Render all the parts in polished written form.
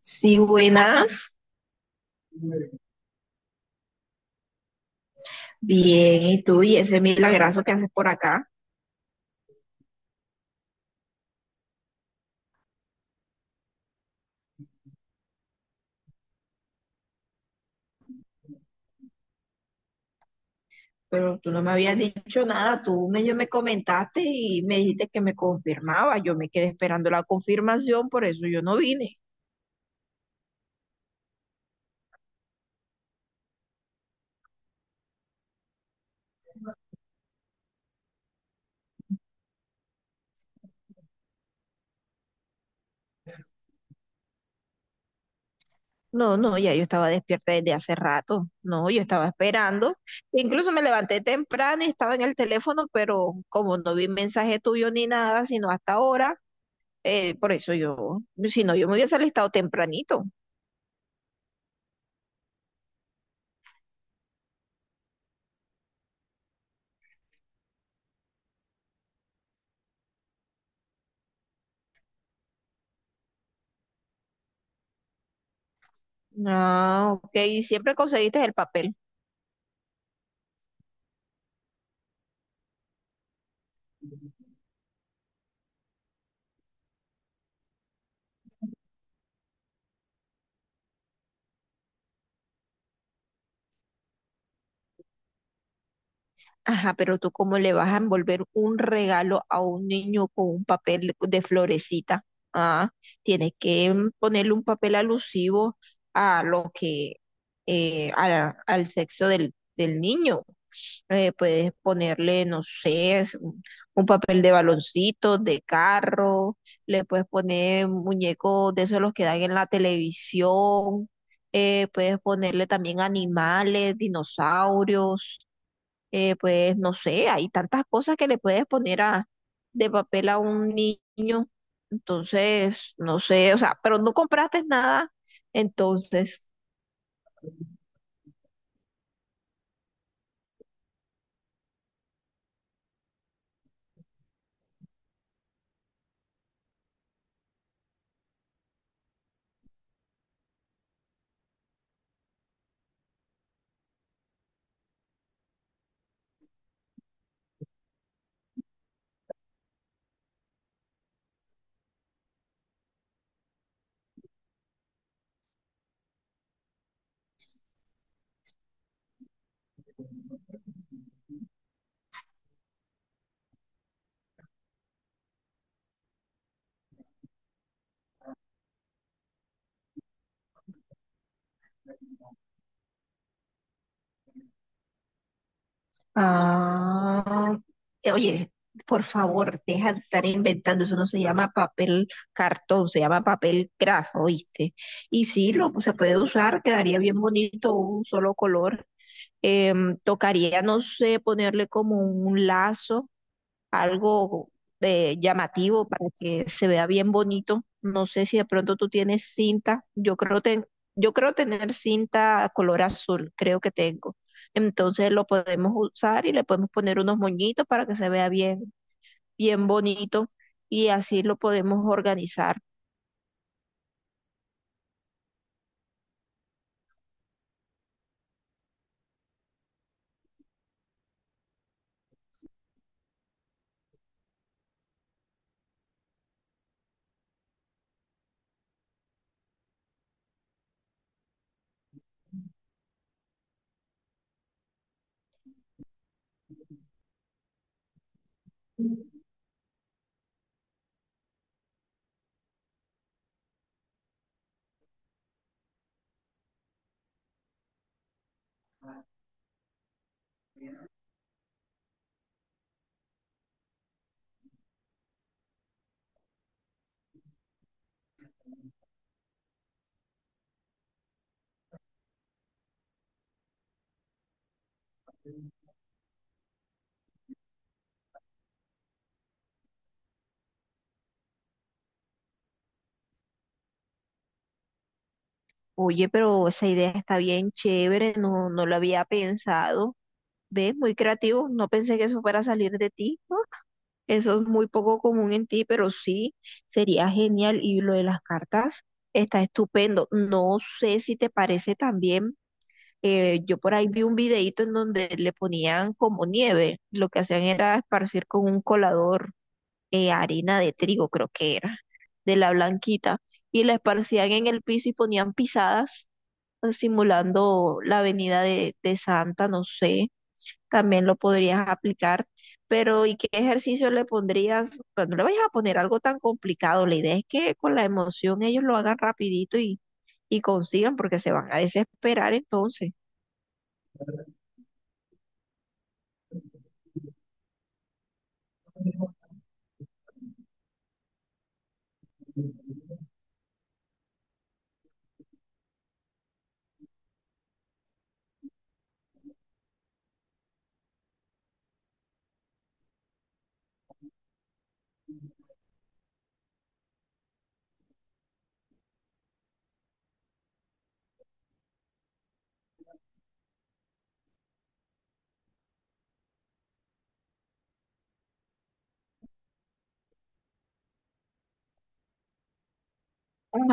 Sí, buenas. Bien, ¿y tú? ¿Y ese milagrazo que haces por acá? Pero tú no me habías dicho nada, tú medio me comentaste y me dijiste que me confirmaba. Yo me quedé esperando la confirmación, por eso yo no vine. No, no, ya yo estaba despierta desde hace rato. No, yo estaba esperando. Incluso me levanté temprano y estaba en el teléfono, pero como no vi mensaje tuyo ni nada, sino hasta ahora, por eso yo, si no, yo me hubiese alistado tempranito. No, ok, ¿y siempre conseguiste el papel? Ajá, pero tú cómo le vas a envolver un regalo a un niño con un papel de florecita. Ah, Tienes que ponerle un papel alusivo a lo que, a al sexo del, del niño. Puedes ponerle, no sé, es un papel de baloncito, de carro, le puedes poner muñecos de esos los que dan en la televisión, puedes ponerle también animales, dinosaurios, pues no sé, hay tantas cosas que le puedes poner a, de papel a un niño. Entonces, no sé, o sea, pero no compraste nada. Entonces, Ah, oye, por favor, deja de estar inventando. Eso no se llama papel cartón, se llama papel craft, ¿oíste? Y sí, lo, se puede usar, quedaría bien bonito un solo color. Tocaría, no sé, ponerle como un lazo algo de llamativo para que se vea bien bonito. No sé si de pronto tú tienes cinta. Yo creo tener cinta color azul, creo que tengo. Entonces lo podemos usar y le podemos poner unos moñitos para que se vea bien, bien bonito y así lo podemos organizar. Oye, pero esa idea está bien chévere, no, no lo había pensado. ¿Ves? Muy creativo. No pensé que eso fuera a salir de ti. Eso es muy poco común en ti, pero sí, sería genial. Y lo de las cartas está estupendo. No sé si te parece también, yo por ahí vi un videíto en donde le ponían como nieve. Lo que hacían era esparcir con un colador harina de trigo, creo que era, de la blanquita, y la esparcían en el piso y ponían pisadas, simulando la avenida de Santa, no sé, también lo podrías aplicar. Pero, ¿y qué ejercicio le pondrías? Pues no le vayas a poner algo tan complicado. La idea es que con la emoción ellos lo hagan rapidito y consigan, porque se van a desesperar entonces.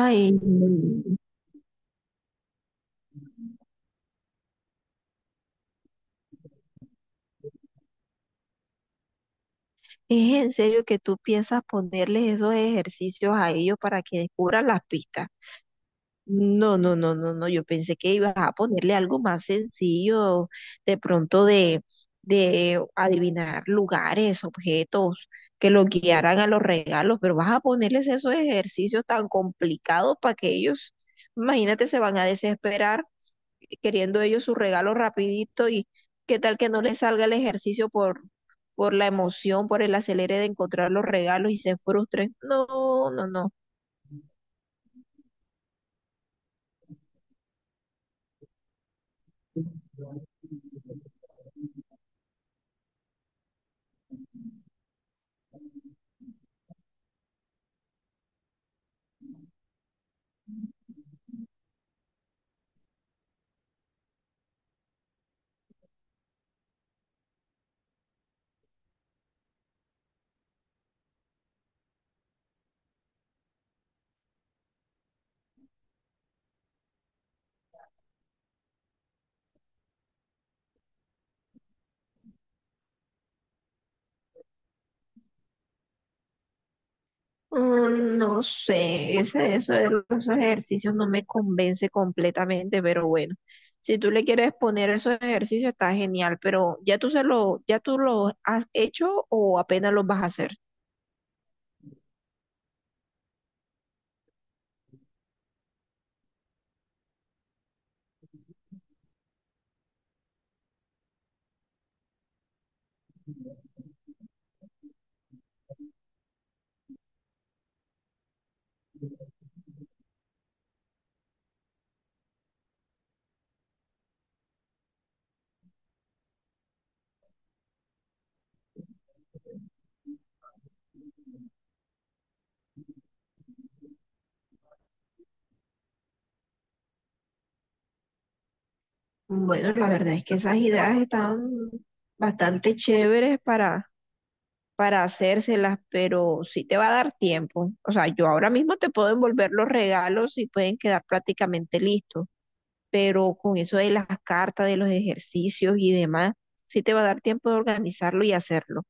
Ay, no. ¿Es en serio que tú piensas ponerles esos ejercicios a ellos para que descubran las pistas? No, no, no, no, no. Yo pensé que ibas a ponerle algo más sencillo, de pronto de adivinar lugares, objetos, que lo guiaran a los regalos, pero vas a ponerles esos ejercicios tan complicados para que ellos, imagínate, se van a desesperar queriendo ellos su regalo rapidito y qué tal que no les salga el ejercicio por la emoción, por el acelere de encontrar los regalos y se frustren. No, no, no. No sé, ese, eso de los ejercicios no me convence completamente, pero bueno, si tú le quieres poner esos ejercicios está genial, pero ¿ya tú se lo, ya tú los has hecho o apenas los vas a hacer? Bueno, la verdad es que esas ideas están bastante chéveres para hacérselas, pero sí te va a dar tiempo. O sea, yo ahora mismo te puedo envolver los regalos y pueden quedar prácticamente listos, pero con eso de las cartas, de los ejercicios y demás, sí te va a dar tiempo de organizarlo y hacerlo.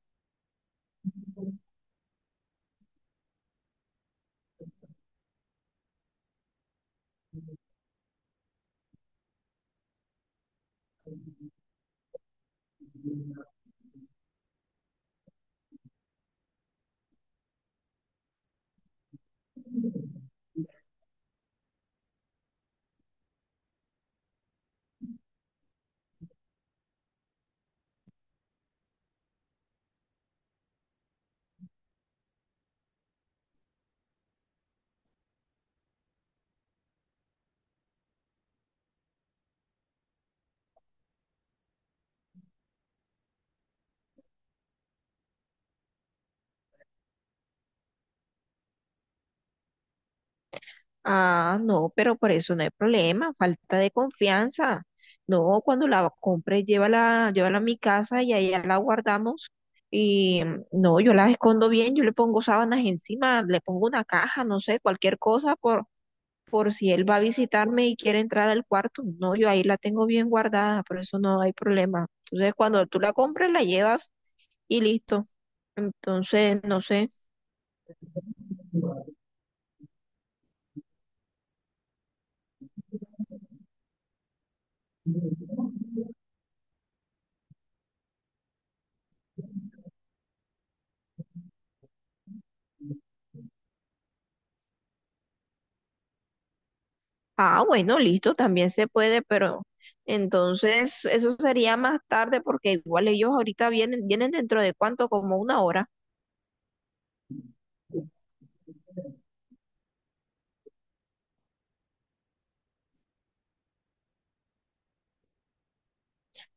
Ah, no, pero por eso no hay problema, falta de confianza. No, cuando la compres, llévala, llévala a mi casa y allá la guardamos. Y no, yo la escondo bien, yo le pongo sábanas encima, le pongo una caja, no sé, cualquier cosa por si él va a visitarme y quiere entrar al cuarto. No, yo ahí la tengo bien guardada, por eso no hay problema. Entonces, cuando tú la compres, la llevas y listo. Entonces, no sé. Ah, bueno, listo, también se puede, pero entonces eso sería más tarde porque igual ellos ahorita vienen, vienen dentro de cuánto, como una hora.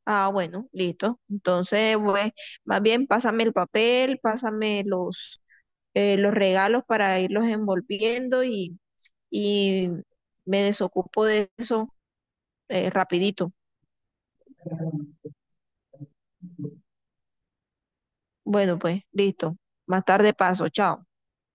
Ah, bueno, listo. Entonces, pues, más bien pásame el papel, pásame los regalos para irlos envolviendo y me desocupo de eso, rapidito. Bueno, pues, listo. Más tarde paso, chao.